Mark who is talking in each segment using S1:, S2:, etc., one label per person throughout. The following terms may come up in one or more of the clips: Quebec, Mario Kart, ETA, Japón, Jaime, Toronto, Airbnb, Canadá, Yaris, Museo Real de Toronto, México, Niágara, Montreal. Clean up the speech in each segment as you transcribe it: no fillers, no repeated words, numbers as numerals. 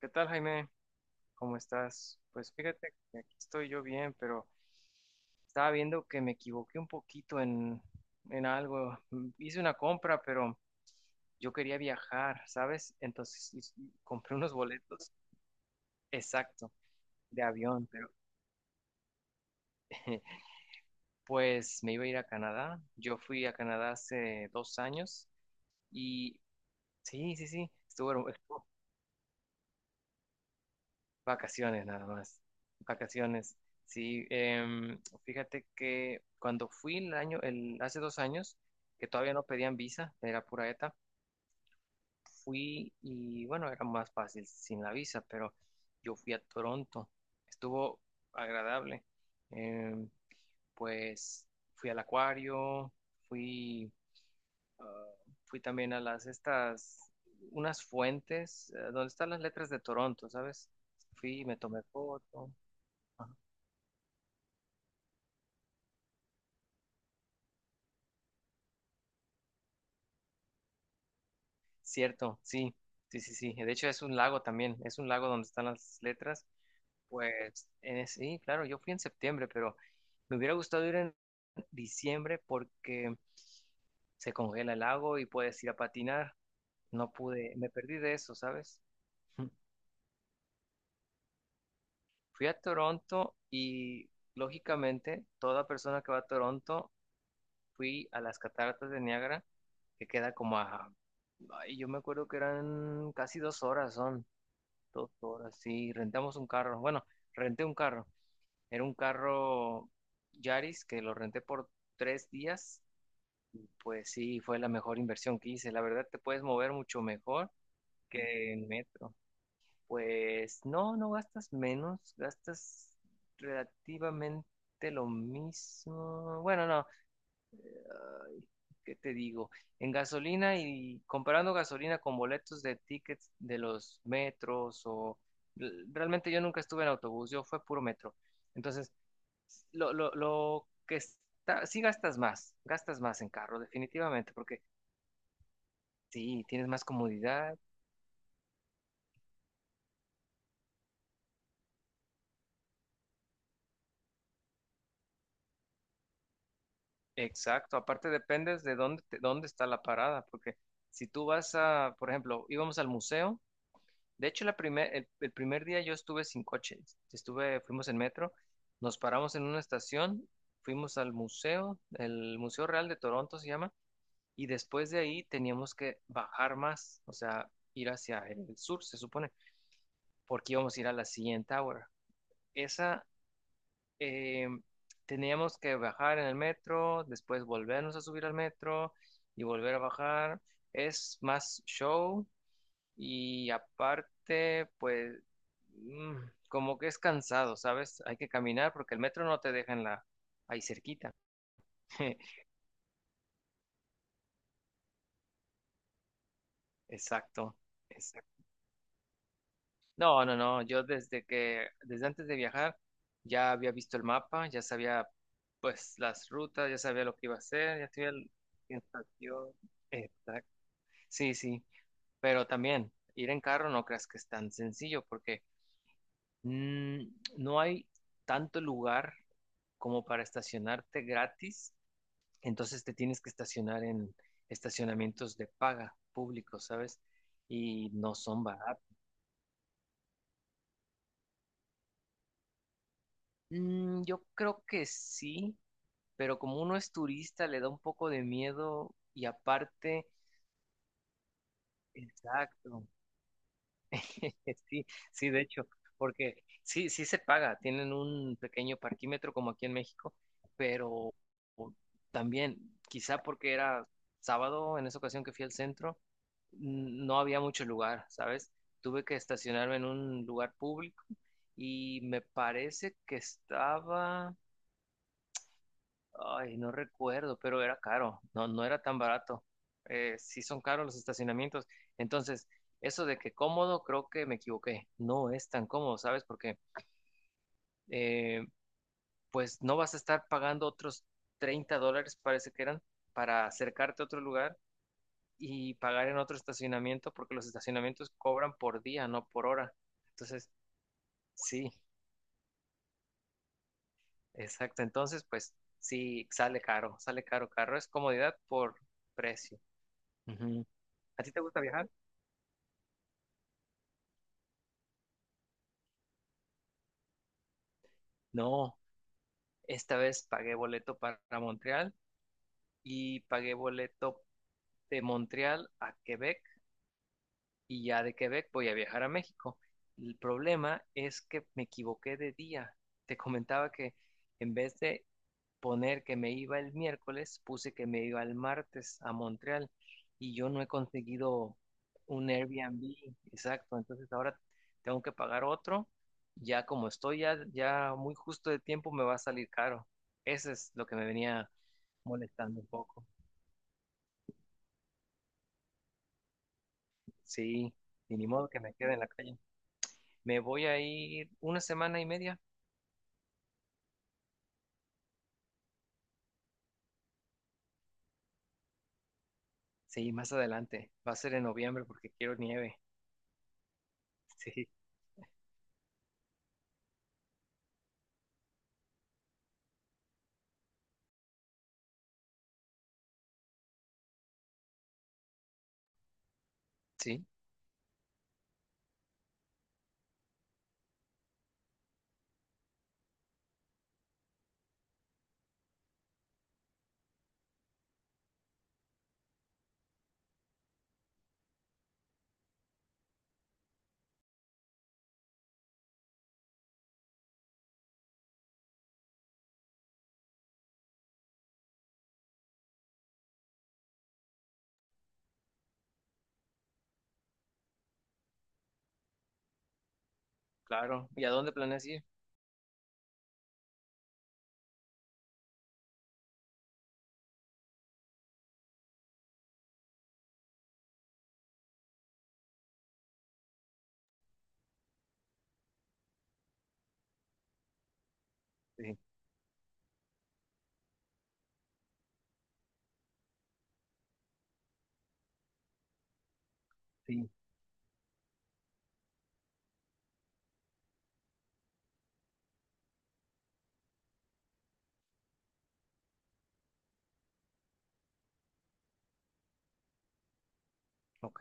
S1: ¿Qué tal, Jaime? ¿Cómo estás? Pues fíjate que aquí estoy yo bien, pero estaba viendo que me equivoqué un poquito en algo. Hice una compra, pero yo quería viajar, ¿sabes? Entonces compré unos boletos, exacto, de avión, pero pues me iba a ir a Canadá. Yo fui a Canadá hace 2 años y sí, sí, sí, estuvo. Vacaciones nada más. Vacaciones. Sí, fíjate que cuando fui hace 2 años, que todavía no pedían visa, era pura ETA, fui y bueno, era más fácil sin la visa, pero yo fui a Toronto. Estuvo agradable. Em, pues fui al acuario, fui, fui también a unas fuentes, donde están las letras de Toronto, ¿sabes? Fui, me tomé foto. Cierto, sí, sí, sí, sí. De hecho, es un lago también, es un lago donde están las letras. Pues sí, claro, yo fui en septiembre, pero me hubiera gustado ir en diciembre porque se congela el lago y puedes ir a patinar. No pude, me perdí de eso, ¿sabes? Fui a Toronto y lógicamente toda persona que va a Toronto, fui a las cataratas de Niágara, que queda como a, ay, yo me acuerdo que eran casi 2 horas son. 2 horas, sí, rentamos un carro. Bueno, renté un carro. Era un carro Yaris que lo renté por 3 días. Pues sí, fue la mejor inversión que hice. La verdad, te puedes mover mucho mejor que en metro. Pues no, no gastas menos, gastas relativamente lo mismo. Bueno, no, ay, ¿qué te digo? En gasolina y comparando gasolina con boletos de tickets de los metros o realmente yo nunca estuve en autobús, yo fue puro metro. Entonces, lo que está, sí gastas más en carro, definitivamente, porque sí, tienes más comodidad. Exacto, aparte dependes de dónde, dónde está la parada, porque si tú vas a, por ejemplo, íbamos al museo. De hecho, el primer día yo estuve sin coche. Fuimos en metro, nos paramos en una estación, fuimos al museo, el Museo Real de Toronto se llama, y después de ahí teníamos que bajar más, o sea, ir hacia el sur, se supone, porque íbamos a ir a la siguiente Tower. Esa, eh, teníamos que bajar en el metro, después volvernos a subir al metro y volver a bajar. Es más show, y aparte, pues, mm, como que es cansado, ¿sabes? Hay que caminar porque el metro no te deja en ahí cerquita. Exacto, exacto. No, no, no, yo desde antes de viajar, ya había visto el mapa, ya sabía, pues, las rutas, ya sabía lo que iba a hacer, ya sabía el. Exacto, exacto. Sí, sí, pero también ir en carro no creas que es tan sencillo porque Mm, no hay tanto lugar como para estacionarte gratis, entonces te tienes que estacionar en estacionamientos de paga públicos, ¿sabes? Y no son baratos. Yo creo que sí, pero como uno es turista, le da un poco de miedo y aparte, exacto. Sí, sí, de hecho, porque sí, sí se paga, tienen un pequeño parquímetro como aquí en México, pero o- también, quizá porque era sábado en esa ocasión que fui al centro, no había mucho lugar, ¿sabes? Tuve que estacionarme en un lugar público y me parece que estaba. Ay, no recuerdo, pero era caro, no, no era tan barato. Sí son caros los estacionamientos. Entonces, eso de que cómodo, creo que me equivoqué. No es tan cómodo, ¿sabes? Porque eh, pues no vas a estar pagando otros 30 dólares, parece que eran, para acercarte a otro lugar y pagar en otro estacionamiento, porque los estacionamientos cobran por día, no por hora. Entonces, sí, exacto. Entonces, pues sí, sale caro, caro. Es comodidad por precio. Ujú. ¿A ti te gusta viajar? No, esta vez pagué boleto para Montreal y pagué boleto de Montreal a Quebec y ya de Quebec voy a viajar a México. El problema es que me equivoqué de día. Te comentaba que en vez de poner que me iba el miércoles, puse que me iba el martes a Montreal y yo no he conseguido un Airbnb. Exacto. Entonces ahora tengo que pagar otro. Ya como estoy ya, ya muy justo de tiempo, me va a salir caro. Eso es lo que me venía molestando un poco. Sí, y ni modo que me quede en la calle. Me voy a ir una semana y media. Sí, más adelante. Va a ser en noviembre porque quiero nieve. Sí, sí, claro. ¿Y a dónde planeas ir? Sí, sí, ok.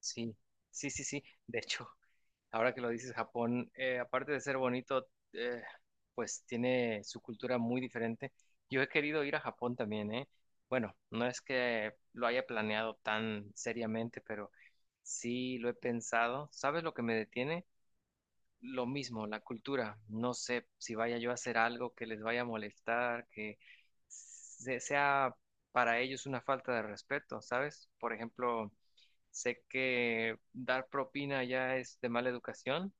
S1: Sí, sí, sí, sí. De hecho, ahora que lo dices, Japón, aparte de ser bonito, eh, pues tiene su cultura muy diferente. Yo he querido ir a Japón también, ¿eh? Bueno, no es que lo haya planeado tan seriamente, pero sí lo he pensado. ¿Sabes lo que me detiene? Lo mismo, la cultura. No sé si vaya yo a hacer algo que les vaya a molestar, que sea para ellos una falta de respeto, ¿sabes? Por ejemplo. Sé que dar propina ya es de mala educación,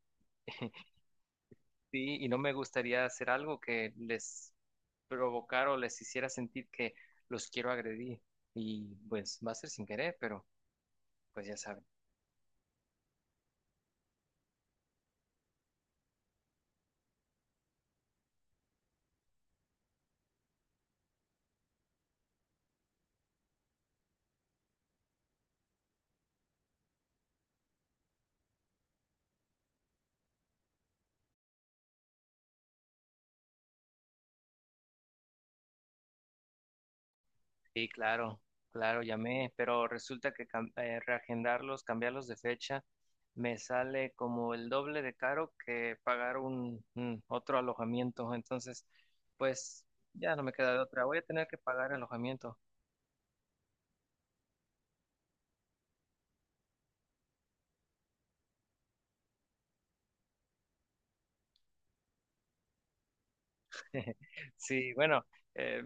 S1: sí, y no me gustaría hacer algo que les provocara o les hiciera sentir que los quiero agredir. Y pues va a ser sin querer, pero pues ya saben. Sí, claro, claro, llamé, pero resulta que reagendarlos, cambiarlos de fecha, me sale como el doble de caro que pagar un otro alojamiento. Entonces, pues ya no me queda de otra. Voy a tener que pagar alojamiento. Sí, bueno, eh,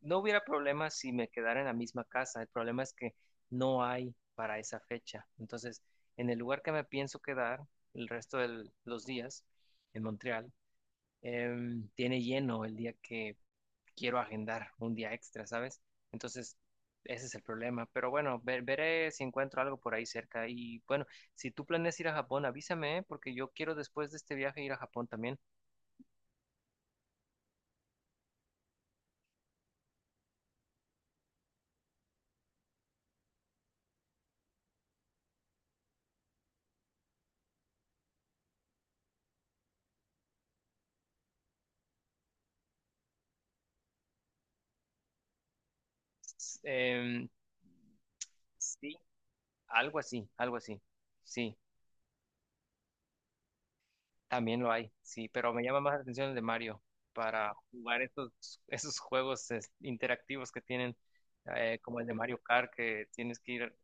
S1: no hubiera problema si me quedara en la misma casa. El problema es que no hay para esa fecha. Entonces, en el lugar que me pienso quedar el resto de los días, en Montreal, tiene lleno el día que quiero agendar un día extra, ¿sabes? Entonces, ese es el problema. Pero bueno, veré si encuentro algo por ahí cerca. Y bueno, si tú planeas ir a Japón, avísame, ¿eh? Porque yo quiero después de este viaje ir a Japón también. S- em, Sí. Algo así, algo así. Sí, también lo hay, sí, pero me llama más la atención el de Mario para jugar estos esos juegos interactivos que tienen, como el de Mario Kart, que tienes que ir,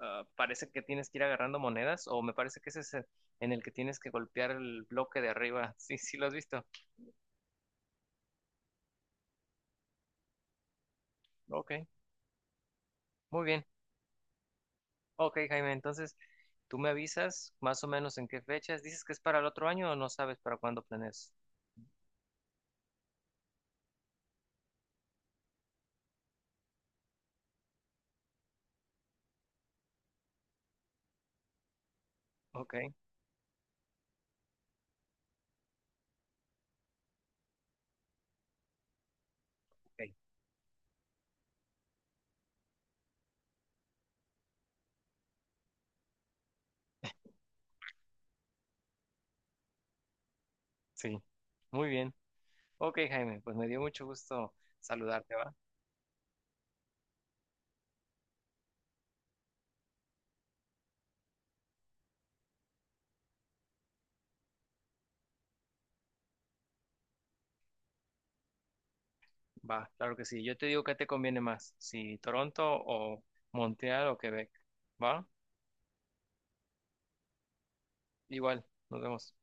S1: ah, parece que tienes que ir agarrando monedas, o me parece que ese es en el que tienes que golpear el bloque de arriba. Sí, sí, lo has visto. Ok, muy bien. Ok, Jaime, entonces tú me avisas más o menos en qué fechas. ¿Dices que es para el otro año o no sabes para cuándo planeas? Ok, ok, sí, muy bien. Ok, Jaime, pues me dio mucho gusto saludarte, ¿va? Va, claro que sí. Yo te digo qué te conviene más, si Toronto o Montreal o Quebec, ¿va? Igual, nos vemos.